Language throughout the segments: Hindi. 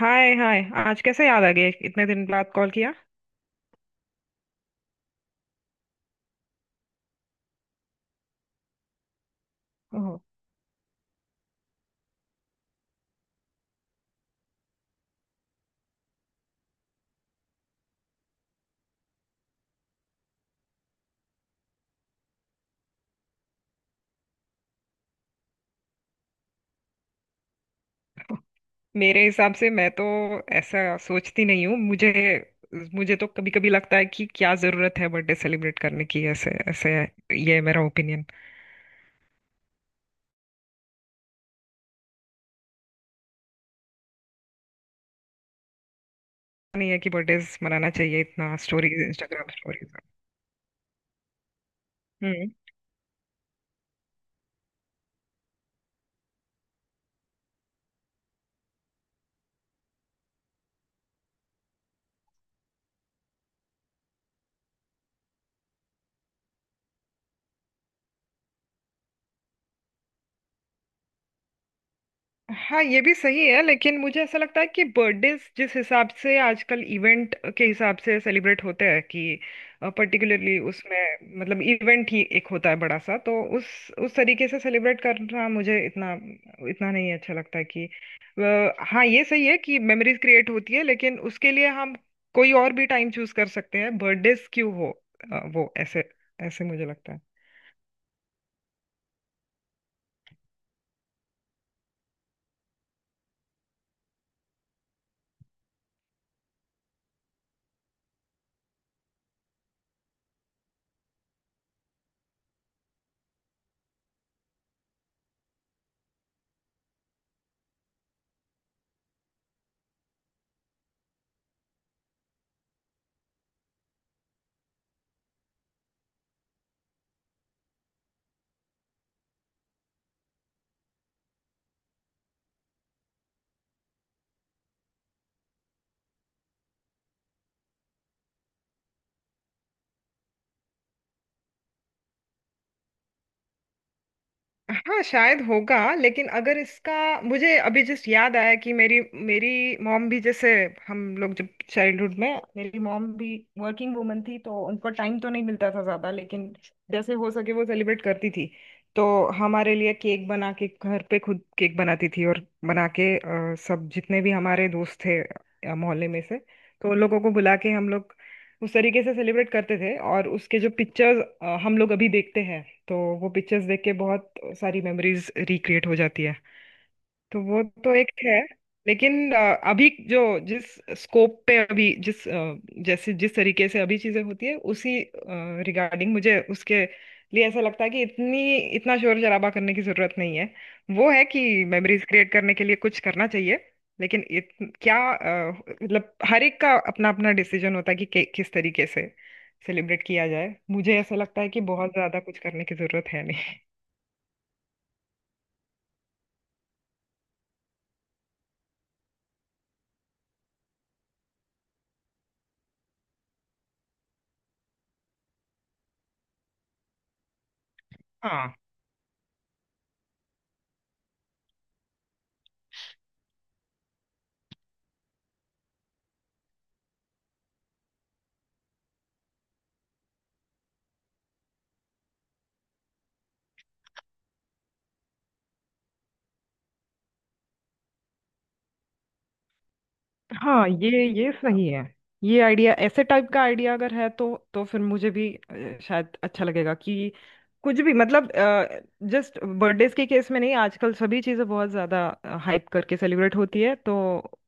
हाय हाय। आज कैसे याद आ गया, इतने दिन बाद कॉल किया? ओहो, मेरे हिसाब से मैं तो ऐसा सोचती नहीं हूँ। मुझे मुझे तो कभी कभी लगता है कि क्या जरूरत है बर्थडे सेलिब्रेट करने की, ऐसे ऐसे। ये मेरा ओपिनियन नहीं है कि बर्थडे मनाना चाहिए इतना, स्टोरीज इंस्टाग्राम स्टोरीज। हाँ, ये भी सही है, लेकिन मुझे ऐसा लगता है कि बर्थडेज जिस हिसाब से आजकल इवेंट के हिसाब से सेलिब्रेट होते हैं कि पर्टिकुलरली, उसमें मतलब इवेंट ही एक होता है बड़ा सा, तो उस उस तरीके से सेलिब्रेट करना मुझे इतना इतना नहीं अच्छा लगता है कि हाँ, ये सही है कि मेमोरीज क्रिएट होती है, लेकिन उसके लिए हम कोई और भी टाइम चूज कर सकते हैं, बर्थडेज क्यों हो। वो ऐसे ऐसे मुझे लगता है। हाँ शायद होगा, लेकिन अगर इसका, मुझे अभी जस्ट याद आया कि मेरी मेरी मॉम भी जैसे, हम लोग जब चाइल्डहुड में, मेरी मॉम भी वर्किंग वुमन थी तो उनको टाइम तो नहीं मिलता था ज़्यादा, लेकिन जैसे हो सके वो सेलिब्रेट करती थी। तो हमारे लिए केक बना के, घर पे खुद केक बनाती थी और बना के सब जितने भी हमारे दोस्त थे मोहल्ले में से, तो उन लोगों को बुला के हम लोग उस तरीके से सेलिब्रेट करते थे। और उसके जो पिक्चर्स हम लोग अभी देखते हैं, तो वो पिक्चर्स देख के बहुत सारी मेमोरीज रिक्रिएट हो जाती है। तो वो तो एक है। लेकिन अभी जो, जिस स्कोप पे अभी जैसे जिस तरीके से अभी चीजें होती है, उसी रिगार्डिंग मुझे उसके लिए ऐसा लगता है कि इतनी इतना शोर शराबा करने की जरूरत नहीं है, वो है कि मेमोरीज क्रिएट करने के लिए कुछ करना चाहिए, लेकिन क्या मतलब हर एक का अपना अपना डिसीजन होता है कि किस तरीके से सेलिब्रेट किया जाए। मुझे ऐसा लगता है कि बहुत ज्यादा कुछ करने की जरूरत है नहीं। हाँ हाँ, ये सही है। ये आइडिया, ऐसे टाइप का आइडिया अगर है तो फिर मुझे भी शायद अच्छा लगेगा कि कुछ भी, मतलब जस्ट बर्थडेज के केस में नहीं, आजकल सभी चीज़ें बहुत ज़्यादा हाइप करके सेलिब्रेट होती है। तो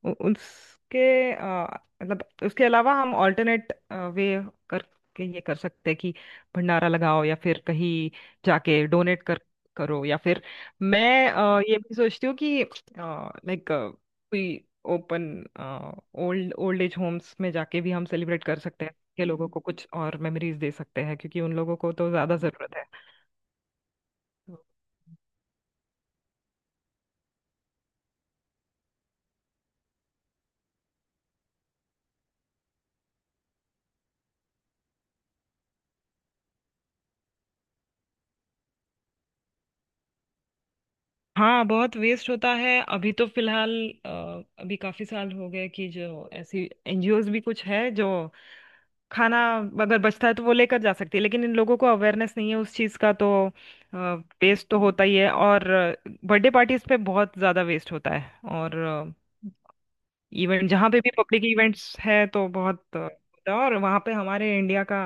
उ- उसके अ, मतलब उसके अलावा हम ऑल्टरनेट वे करके ये कर सकते हैं कि भंडारा लगाओ या फिर कहीं जाके डोनेट कर करो या फिर मैं ये भी सोचती हूँ कि लाइक, कोई open, old old age homes में जाके भी हम सेलिब्रेट कर सकते हैं, के लोगों को कुछ और मेमोरीज दे सकते हैं क्योंकि उन लोगों को तो ज्यादा जरूरत है। तो हाँ, बहुत वेस्ट होता है अभी तो फिलहाल अ, अभी काफी साल हो गए कि जो ऐसी एनजीओज भी कुछ है जो खाना अगर बचता है तो वो लेकर जा सकती है, लेकिन इन लोगों को अवेयरनेस नहीं है उस चीज़ का, तो वेस्ट तो होता ही है। और बर्थडे पार्टीज पे बहुत ज़्यादा वेस्ट होता है और इवेंट, जहाँ पे भी पब्लिक इवेंट्स है तो बहुत होता है। और वहाँ पे हमारे इंडिया का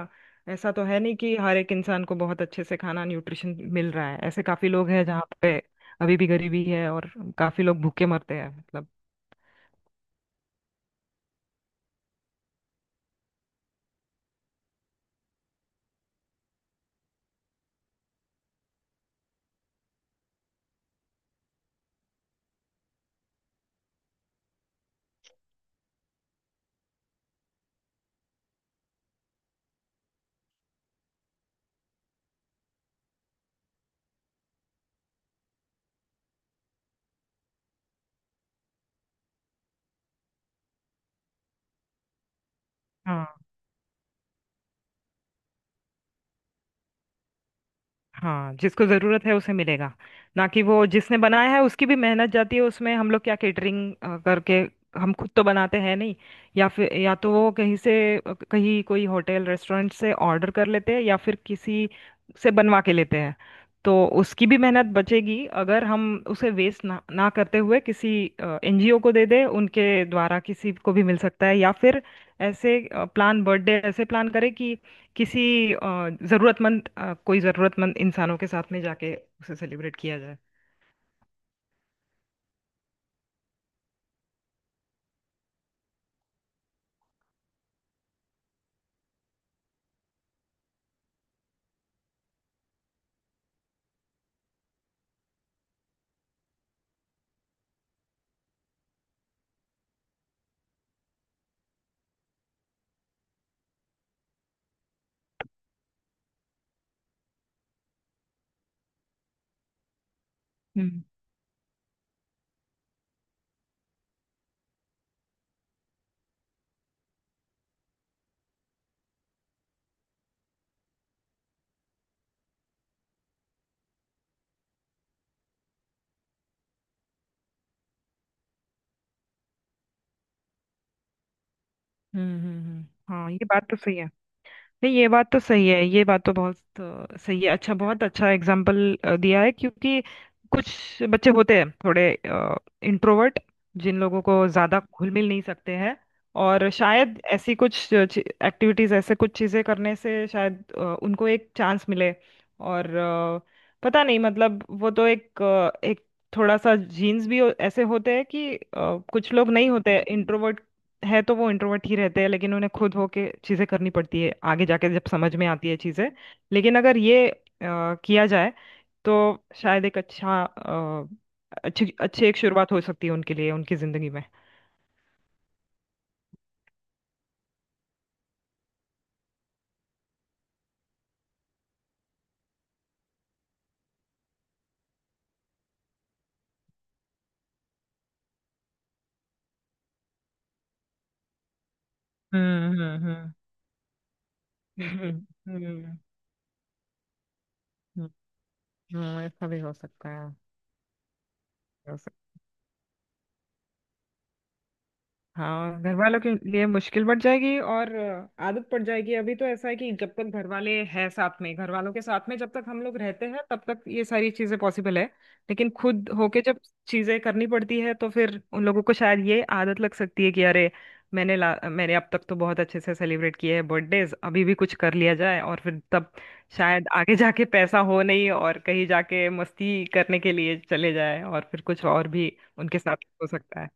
ऐसा तो है नहीं कि हर एक इंसान को बहुत अच्छे से खाना न्यूट्रिशन मिल रहा है, ऐसे काफी लोग हैं जहाँ पे अभी भी गरीबी है और काफी लोग भूखे मरते हैं, मतलब। हाँ, जिसको जरूरत है उसे मिलेगा, ना कि वो जिसने बनाया है, उसकी भी मेहनत जाती है उसमें। हम लोग क्या केटरिंग करके, हम खुद तो बनाते हैं नहीं, या फिर या तो वो कहीं से कहीं कोई होटल रेस्टोरेंट से ऑर्डर कर लेते हैं या फिर किसी से बनवा के लेते हैं। तो उसकी भी मेहनत बचेगी अगर हम उसे वेस्ट ना ना करते हुए किसी एनजीओ को दे दें, उनके द्वारा किसी को भी मिल सकता है, या फिर ऐसे प्लान, बर्थडे ऐसे प्लान करें कि किसी जरूरतमंद, कोई जरूरतमंद इंसानों के साथ में जाके उसे सेलिब्रेट किया जाए। हम्म, हम्म, हम्म, हाँ ये बात तो सही है। नहीं, ये बात तो सही है, ये बात तो बहुत सही है, अच्छा, बहुत अच्छा एग्जाम्पल दिया है। क्योंकि कुछ बच्चे होते हैं थोड़े इंट्रोवर्ट, जिन लोगों को ज्यादा घुल मिल नहीं सकते हैं, और शायद ऐसी कुछ एक्टिविटीज, ऐसे कुछ चीजें करने से शायद उनको एक चांस मिले। और पता नहीं, मतलब वो तो एक एक थोड़ा सा जीन्स भी ऐसे होते हैं कि कुछ लोग नहीं होते, इंट्रोवर्ट है तो वो इंट्रोवर्ट ही रहते हैं लेकिन उन्हें खुद होके चीजें करनी पड़ती है आगे जाके, जब समझ में आती है चीजें। लेकिन अगर ये किया जाए तो शायद अच्छी अच्छी एक शुरुआत हो सकती है उनके लिए उनकी जिंदगी में। हम्म, हम्म, हम्म, हम्म, हम्म, हम्म, ऐसा भी हो सकता है। हाँ, घर वालों के लिए मुश्किल बढ़ जाएगी और आदत पड़ जाएगी। अभी तो ऐसा है कि जब तक घर वाले हैं साथ में, घर वालों के साथ में जब तक हम लोग रहते हैं तब तक ये सारी चीजें पॉसिबल है। लेकिन खुद होके जब चीजें करनी पड़ती है तो फिर उन लोगों को शायद ये आदत लग सकती है कि अरे, मैंने अब तक तो बहुत अच्छे से सेलिब्रेट किए हैं बर्थडेज, अभी भी कुछ कर लिया जाए, और फिर तब शायद आगे जाके पैसा हो नहीं और कहीं जाके मस्ती करने के लिए चले जाए और फिर कुछ और भी उनके साथ हो सकता है।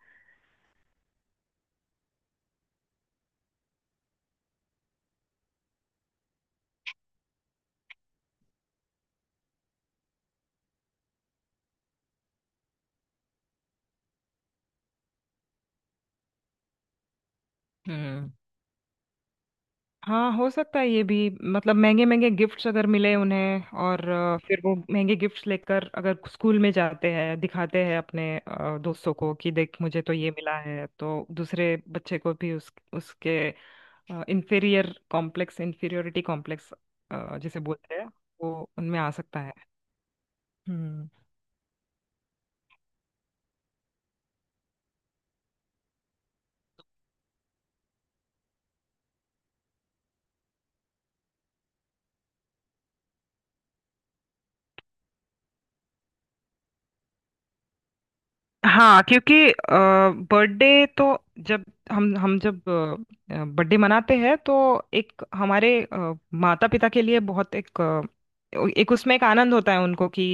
हम्म, हाँ हो सकता है ये भी, मतलब महंगे महंगे गिफ्ट्स अगर मिले उन्हें और फिर वो महंगे गिफ्ट्स लेकर अगर स्कूल में जाते हैं दिखाते हैं अपने दोस्तों को कि देख मुझे तो ये मिला है, तो दूसरे बच्चे को भी उस उसके इंफीरियर कॉम्प्लेक्स इंफीरियोरिटी कॉम्प्लेक्स जिसे बोलते हैं, वो उनमें आ सकता है। हम्म। हाँ क्योंकि बर्थडे तो, जब हम जब बर्थडे मनाते हैं तो, एक हमारे माता पिता के लिए बहुत एक, एक उसमें एक आनंद होता है उनको कि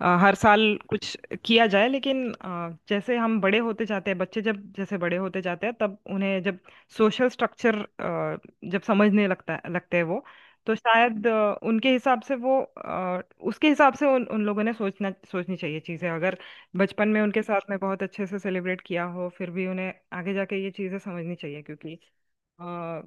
हर साल कुछ किया जाए। लेकिन जैसे हम बड़े होते जाते हैं, बच्चे जब जैसे बड़े होते जाते हैं तब उन्हें जब सोशल स्ट्रक्चर जब समझने लगता है लगते हैं वो, तो शायद उनके हिसाब से वो, उसके हिसाब से उन उन लोगों ने सोचना सोचनी चाहिए चीज़ें, अगर बचपन में उनके साथ में बहुत अच्छे से सेलिब्रेट किया हो फिर भी उन्हें आगे जाके ये चीजें समझनी चाहिए क्योंकि अ,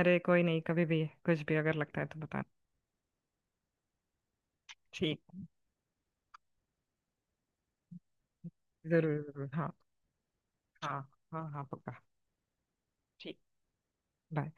अरे कोई नहीं, कभी भी कुछ भी अगर लगता है तो बताना। ठीक, जरूर जरूर, हाँ हाँ। हाँ हाँ, पक्का। ठीक, बाय।